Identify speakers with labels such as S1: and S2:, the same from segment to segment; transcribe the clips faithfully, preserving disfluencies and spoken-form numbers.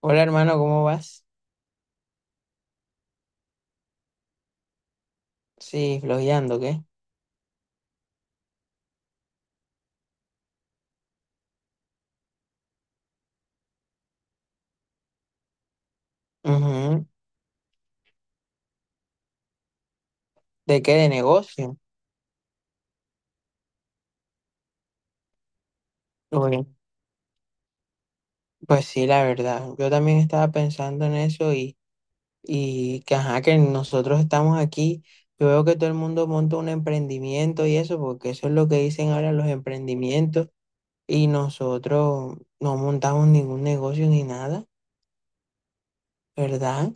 S1: Hola hermano, ¿cómo vas? Sí, flojeando, ¿qué? Ujú. ¿De qué? ¿De negocio? Uy, pues sí, la verdad. Yo también estaba pensando en eso y, y que ajá, que nosotros estamos aquí. Yo veo que todo el mundo monta un emprendimiento y eso, porque eso es lo que dicen ahora los emprendimientos. Y nosotros no montamos ningún negocio ni nada, ¿verdad?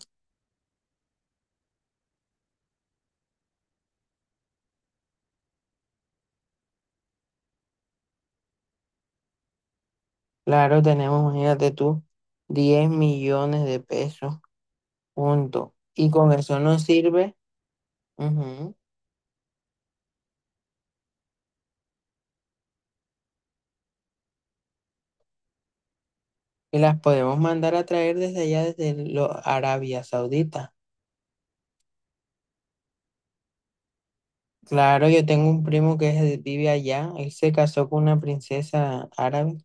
S1: Claro, tenemos, imagínate tú, diez millones de pesos, punto. Y con eso nos sirve. Ujú. Y las podemos mandar a traer desde allá, desde lo- Arabia Saudita. Claro, yo tengo un primo que es- vive allá. Él se casó con una princesa árabe.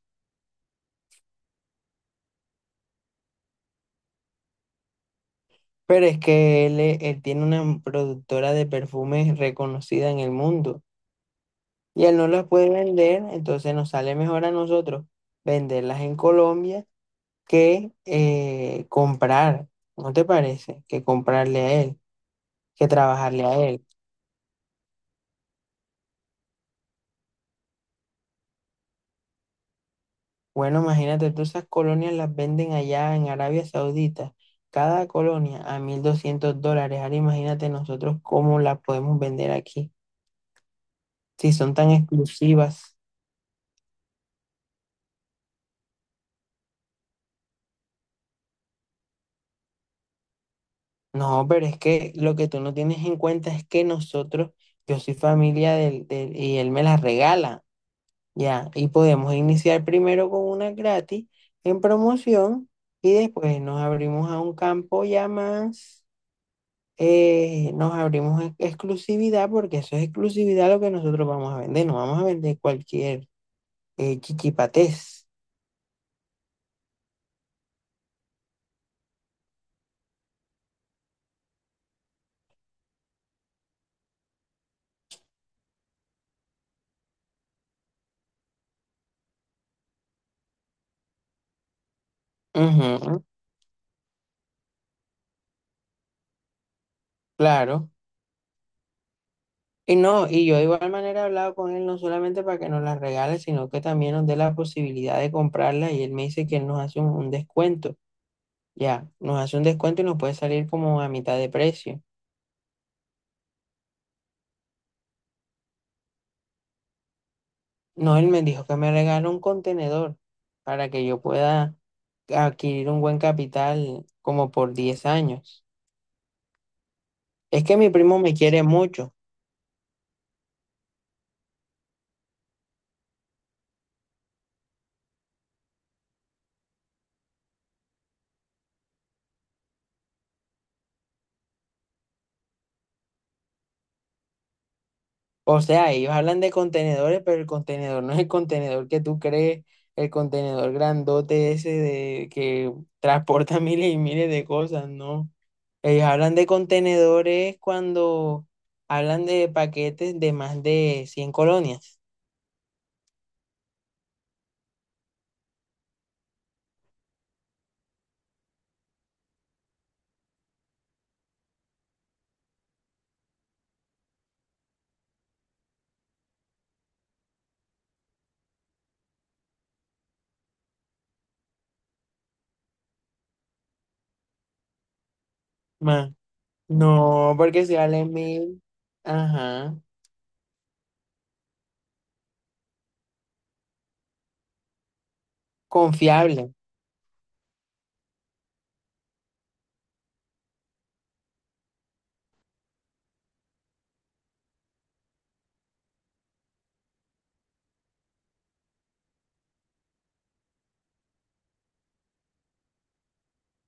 S1: Pero es que él, e- él tiene una productora de perfumes reconocida en el mundo. Y él no las puede vender, entonces nos sale mejor a nosotros venderlas en Colombia que eh, comprar. ¿No te parece? Que comprarle a él, que trabajarle a él. Bueno, imagínate, todas esas colonias las venden allá en Arabia Saudita, cada colonia a mil doscientos dólares. Ahora imagínate nosotros cómo las podemos vender aquí, si son tan exclusivas. No, pero es que lo que tú no tienes en cuenta es que nosotros, yo soy familia del, del- y él me las regala, ya, y podemos iniciar primero con una gratis en promoción y después nos abrimos a un campo ya más. Eh, nos abrimos en exclusividad porque eso es exclusividad lo que nosotros vamos a vender. No vamos a vender cualquier eh, chichipatés. Ujú, claro. Y no, y yo de igual manera he hablado con él no solamente para que nos las regale, sino que también nos dé la posibilidad de comprarla y él me dice que él nos hace un, un descuento. Ya, nos hace un descuento y nos puede salir como a mitad de precio. No, él me dijo que me regala un contenedor para que yo pueda adquirir un buen capital como por diez años. Es que mi primo me quiere mucho. O sea, ellos hablan de contenedores, pero el contenedor no es el contenedor que tú crees, el contenedor grandote ese de que transporta miles y miles de cosas, ¿no? Ellos hablan de contenedores cuando hablan de paquetes de más de cien colonias. Más. No, porque si vale mil, ajá, confiable.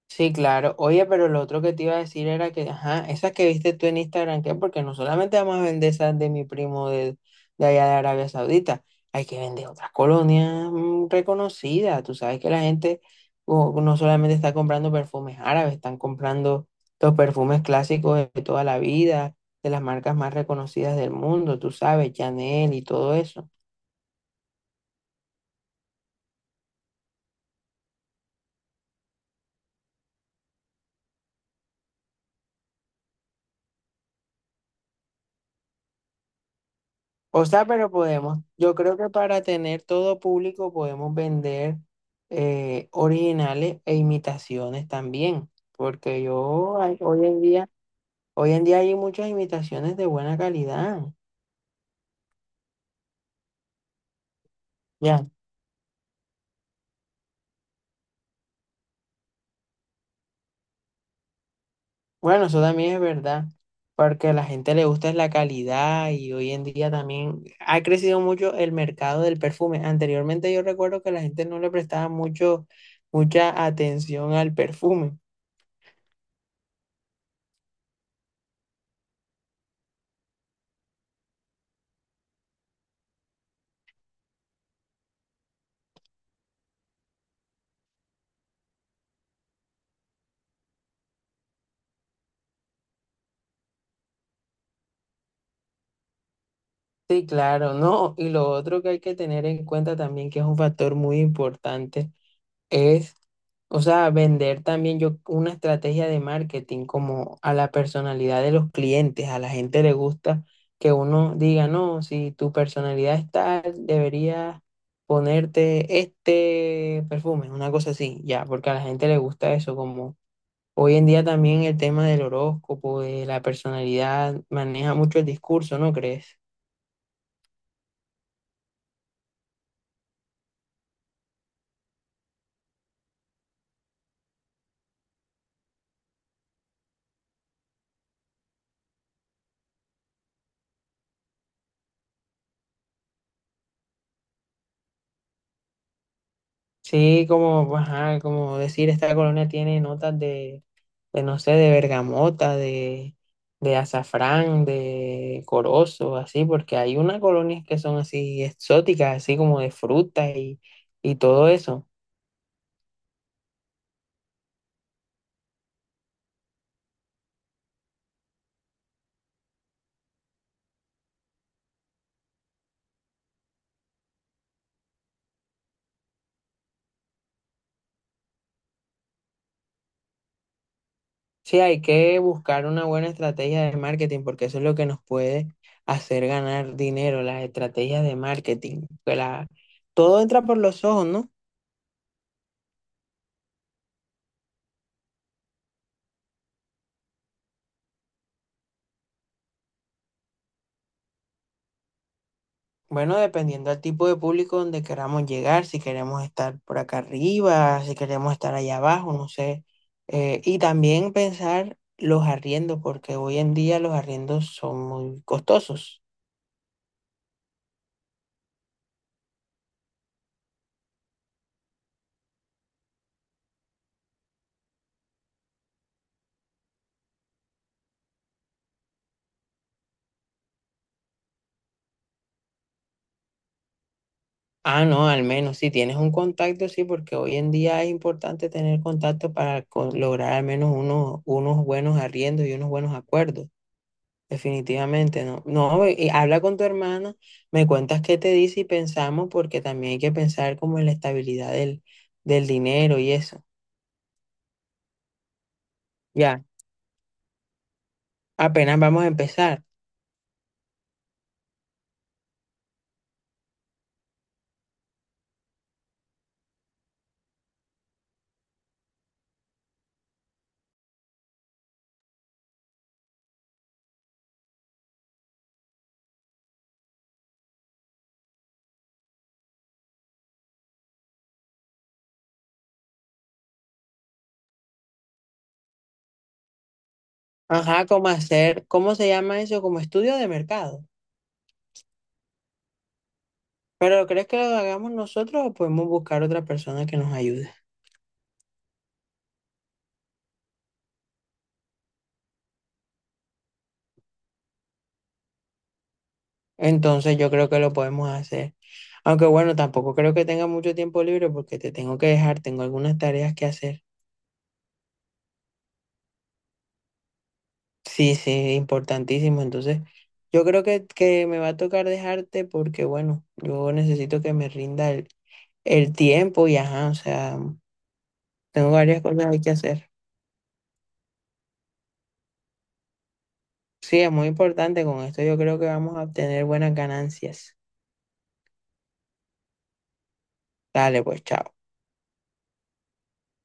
S1: Sí, claro. Oye, pero lo otro que te iba a decir era que, ajá, esas que viste tú en Instagram, ¿qué? Porque no solamente vamos a vender esas de mi primo de, de allá de Arabia Saudita, hay que vender otras colonias mm, reconocidas. Tú sabes que la gente o- no solamente está comprando perfumes árabes, están comprando los perfumes clásicos de toda la vida, de las marcas más reconocidas del mundo, tú sabes, Chanel y todo eso. O sea, pero podemos, yo creo que para tener todo público podemos vender eh, originales e imitaciones también, porque yo hay- hoy en día, hoy en día hay muchas imitaciones de buena calidad. Ya, bueno, eso también es verdad, porque a la gente le gusta es la calidad y hoy en día también ha crecido mucho el mercado del perfume. Anteriormente yo recuerdo que la gente no le prestaba mucho, mucha atención al perfume. Sí, claro, ¿no? Y lo otro que hay que tener en cuenta también, que es un factor muy importante, es, o sea, vender también yo una estrategia de marketing como a la personalidad de los clientes. A la gente le gusta que uno diga, no, si tu personalidad es tal, deberías ponerte este perfume, una cosa así, ya, porque a la gente le gusta eso, como hoy en día también el tema del horóscopo, de la personalidad, maneja mucho el discurso, ¿no crees? Sí, como, pues, ajá, como decir, esta colonia tiene notas de, de, no sé, de bergamota, de, de azafrán, de corozo, así, porque hay unas colonias que son así exóticas, así como de frutas y, y todo eso. Sí, hay que buscar una buena estrategia de marketing, porque eso es lo que nos puede hacer ganar dinero, las estrategias de marketing. Que la- todo entra por los ojos, ¿no? Bueno, dependiendo del tipo de público donde queramos llegar, si queremos estar por acá arriba, si queremos estar allá abajo, no sé. Eh, y también pensar los arriendos, porque hoy en día los arriendos son muy costosos. Ah, no, al menos si tienes un contacto, sí, porque hoy en día es importante tener contacto para co- lograr al menos unos, unos buenos arriendos y unos buenos acuerdos. Definitivamente no. No, y habla con tu hermana, me cuentas qué te dice y pensamos, porque también hay que pensar como en la estabilidad del, del dinero y eso. Ya, apenas vamos a empezar. Ajá, cómo hacer, ¿cómo se llama eso? Como estudio de mercado. Pero ¿crees que lo hagamos nosotros o podemos buscar otra persona que nos ayude? Entonces yo creo que lo podemos hacer. Aunque bueno, tampoco creo que tenga mucho tiempo libre porque te tengo que dejar, tengo algunas tareas que hacer. Sí, sí, importantísimo. Entonces, yo creo que, que me va a tocar dejarte porque, bueno, yo necesito que me rinda el, el tiempo y, ajá, o sea, tengo varias cosas hay que hacer. Sí, es muy importante. Con esto yo creo que vamos a obtener buenas ganancias. Dale, pues, chao.